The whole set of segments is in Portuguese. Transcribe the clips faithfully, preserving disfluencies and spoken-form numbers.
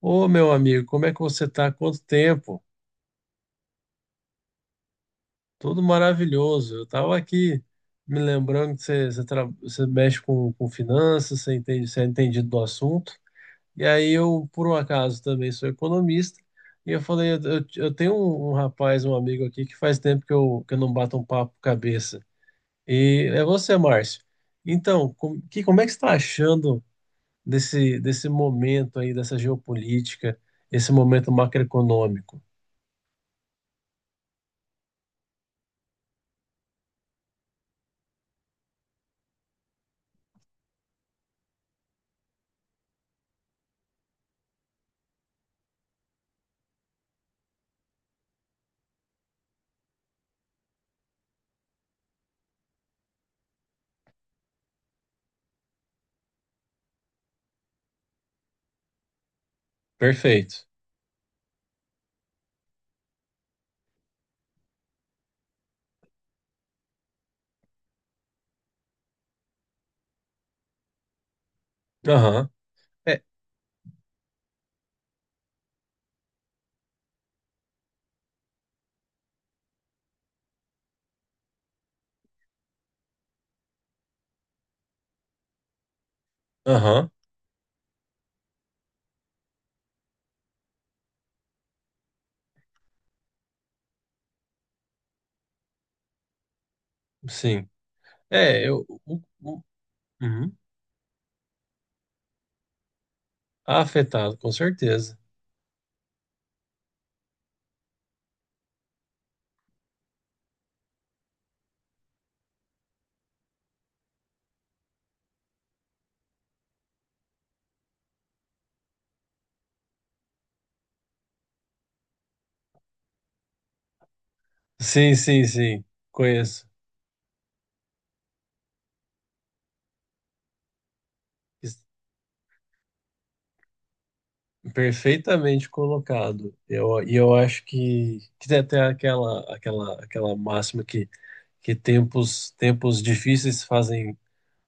Ô, meu amigo, como é que você tá? Quanto tempo? Tudo maravilhoso. Eu tava aqui me lembrando que você, você, tra- você mexe com, com finanças, você entende, você é entendido do assunto. E aí eu, por um acaso, também sou economista. E eu falei, eu, eu- eu tenho um, um rapaz, um amigo aqui, que faz tempo que eu, que eu não bato um papo cabeça. E é você, Márcio. Então, com, que, como é que você está achando desse, desse momento aí, dessa geopolítica, esse momento macroeconômico? Perfeito. Aham. É, aham, sim. É, eu, o- o- uhum. Tá afetado, com certeza. Sim, sim, sim. Conheço. Es- Perfeitamente colocado. Eu, e eu acho que, que tem até aquela, aquela, aquela máxima que, que tempos, tempos difíceis fazem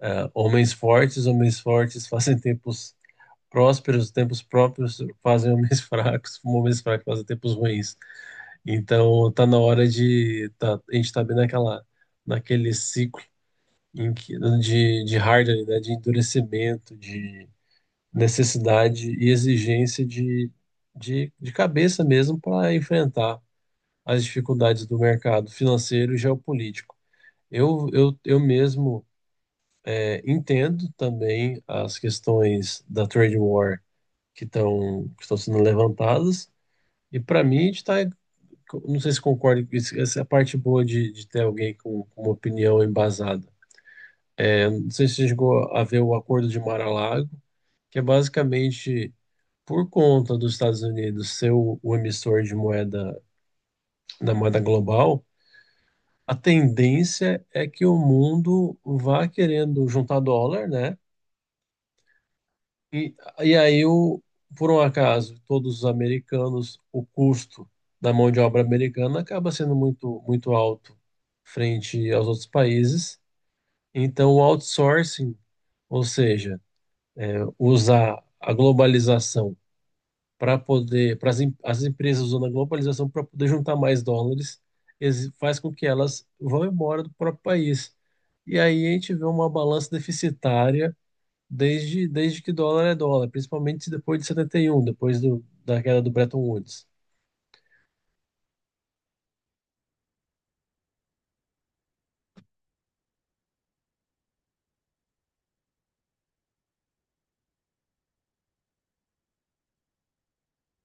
ah, homens fortes, homens fortes fazem tempos prósperos, tempos próprios fazem homens fracos, homens fracos fazem tempos ruins. Então tá na hora de tá- a gente tá bem naquela naquele ciclo em que de de hardware, né, de endurecimento, de necessidade e exigência de de, de cabeça mesmo para enfrentar as dificuldades do mercado financeiro e geopolítico. Eu, eu, eu mesmo é, entendo também as questões da trade war que estão que estão sendo levantadas e para mim a gente está. Não sei se concorda com isso, essa é a parte boa de, de ter alguém com, com uma opinião embasada. Não sei se você chegou a ver o Acordo de Mar-a-Lago, que é basicamente por conta dos Estados Unidos ser o, o emissor de moeda, da moeda global, a tendência é que o mundo vá querendo juntar dólar, né? E, e aí, o, por um acaso, todos os americanos, o custo da mão de obra americana acaba sendo muito, muito alto frente aos outros países. Então, o outsourcing, ou seja, usar a globalização para poder, para as, em- as empresas usando a globalização para poder juntar mais dólares, ex- faz com que elas vão embora do próprio país. E aí a gente vê uma balança deficitária desde, desde que dólar é dólar, principalmente depois de setenta e um, depois do, da queda do Bretton Woods.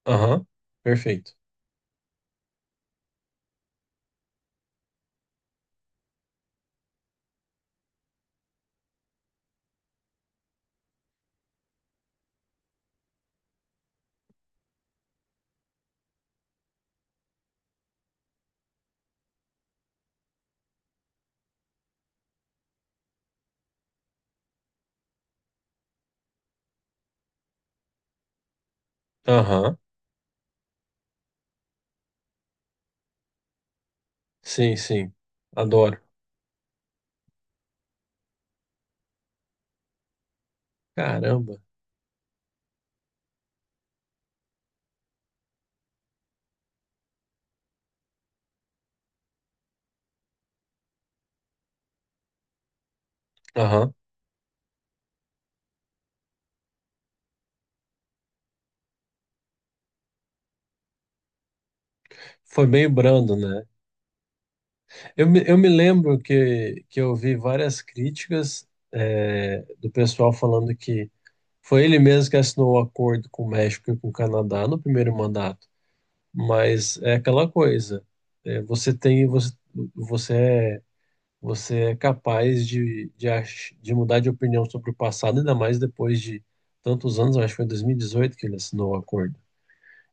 Aham, perfeito. Aham, sim, sim. Adoro. Caramba. Aham. Foi meio brando, né? Eu me, eu me lembro que, que eu vi várias críticas, é, do pessoal falando que foi ele mesmo que assinou o acordo com o México e com o Canadá no primeiro mandato. Mas é aquela coisa. é, você tem, você, você é você é capaz de, de, ach- de mudar de opinião sobre o passado, ainda mais depois de tantos anos, eu acho que foi em dois mil e dezoito que ele assinou o acordo.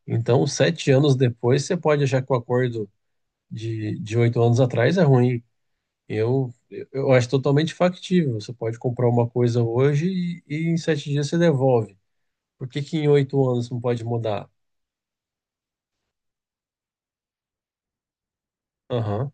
Então, sete anos depois, você pode achar que o acordo de, de oito anos atrás é ruim. Eu, eu acho totalmente factível. Você pode comprar uma coisa hoje e, e em sete dias você devolve. Por que que em oito anos não pode mudar? Aham,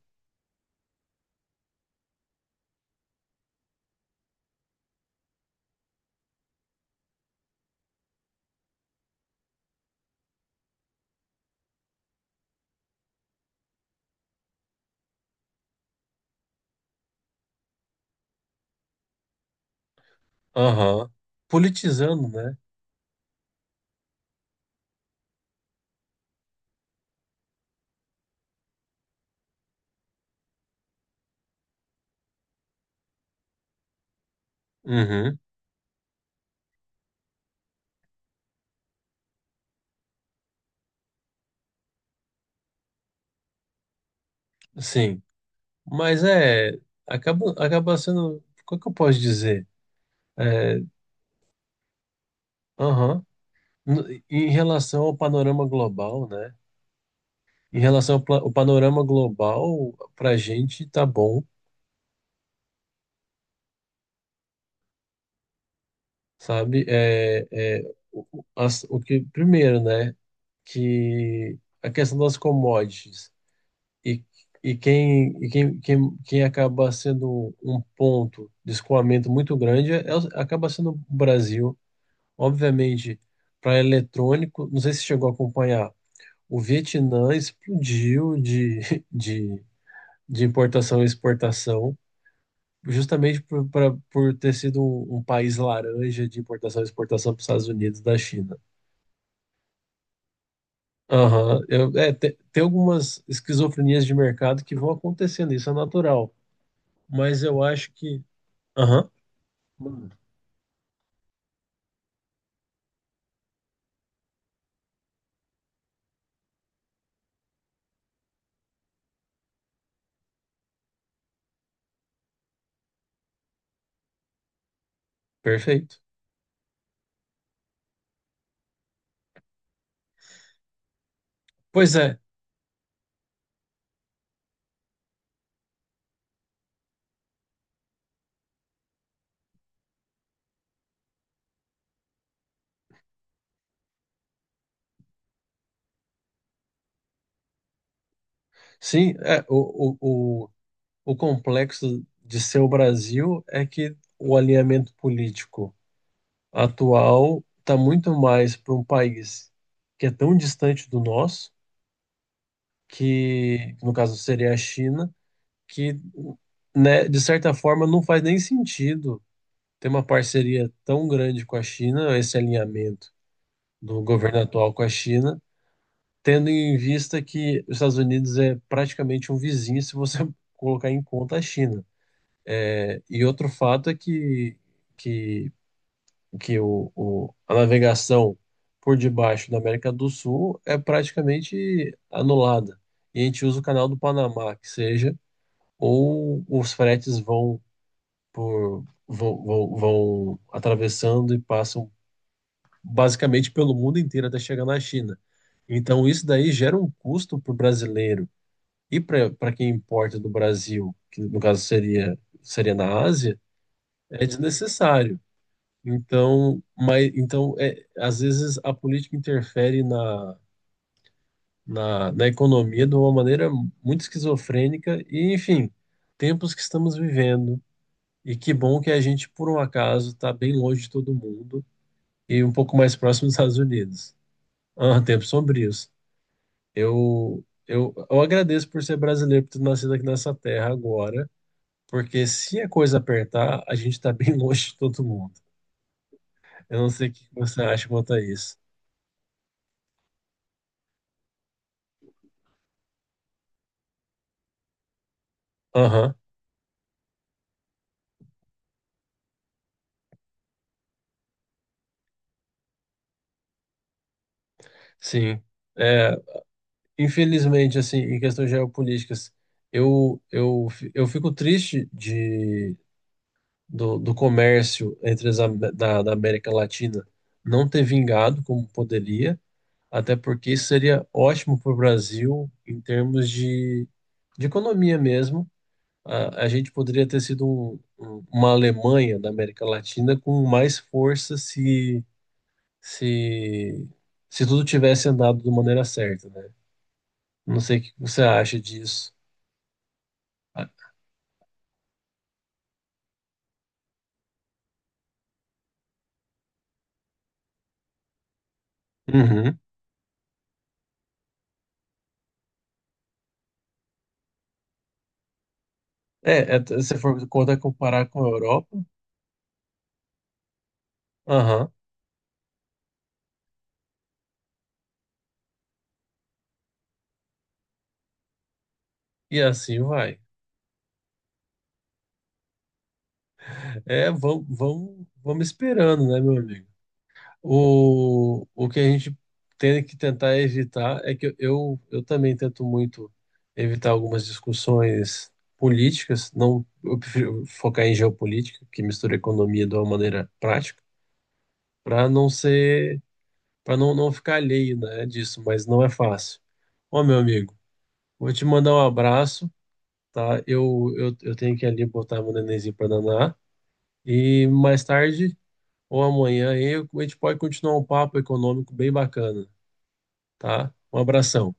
aham. Politizando, né? Uhum, sim. Mas é, acaba, acaba sendo, como é que eu posso dizer? É, aham. N- Em relação ao panorama global, né? Em relação ao pla- o panorama global, para a gente tá bom, sabe? É, é, o, o- as- o que, primeiro, né? Que a questão das commodities e, e, quem, e quem, quem, quem acaba sendo um ponto de escoamento muito grande é, é o- acaba sendo o Brasil. Obviamente, para eletrônico, não sei se chegou a acompanhar. O Vietnã explodiu de, de, de importação e exportação, justamente por, pra- por ter sido um, um país laranja de importação e exportação para os Estados Unidos da China. Aham, eu- é, te- tem algumas esquizofrenias de mercado que vão acontecendo, isso é natural. Mas eu acho que. Aham, perfeito. Pois é, sim, é, o, o, o, o complexo de ser o Brasil é que o alinhamento político atual está muito mais para um país que é tão distante do nosso, que no caso seria a China, que, né, de certa forma não faz nem sentido ter uma parceria tão grande com a China, esse alinhamento do governo atual com a China, tendo em vista que os Estados Unidos é praticamente um vizinho se você colocar em conta a China. É, e outro fato é que, que que o, o- a navegação por debaixo da América do Sul é praticamente anulada. E a gente usa o canal do Panamá, que seja, ou os fretes vão por vão, vão, vão atravessando e passam basicamente pelo mundo inteiro até chegar na China. Então isso daí gera um custo para o brasileiro e para para quem importa do Brasil, que no caso seria seria na Ásia, é desnecessário. Então, mas, então é, às vezes a política interfere na, na, na economia de uma maneira muito esquizofrênica e, enfim, tempos que estamos vivendo. E que bom que a gente, por um acaso, está bem longe de todo mundo e um pouco mais próximo dos Estados Unidos. Ah, tempos sombrios. Eu, eu, eu agradeço por ser brasileiro, por ter nascido aqui nessa terra agora, porque se a coisa apertar, a gente está bem longe de todo mundo. Eu não sei o que você acha quanto a isso. Aham. Sim. É, infelizmente, assim, em questões geopolíticas, eu, eu, eu fico triste de, do, do comércio entre as, Am- da, da América Latina não ter vingado como poderia, até porque isso seria ótimo para o Brasil em termos de, de economia mesmo. A, a gente poderia ter sido um- um- uma Alemanha da América Latina com mais força se, se, se tudo tivesse andado de maneira certa, né? Não sei o que você acha disso. Ah, uhum. É, é, t- se você for contar, comparar com a Europa, aham, e assim vai. É, vamos, vamos, vamos esperando, né, meu amigo? O, o que a gente tem que tentar evitar é que eu, eu também tento muito evitar algumas discussões políticas, não, eu prefiro focar em geopolítica, que mistura economia de uma maneira prática, para não ser, para não, não ficar alheio, né, disso, mas não é fácil. Ó, meu amigo. Vou te mandar um abraço, tá? Eu, eu, eu tenho que ali botar meu nenenzinho para danar. E mais tarde ou amanhã aí, a gente pode continuar um papo econômico bem bacana, tá? Um abração.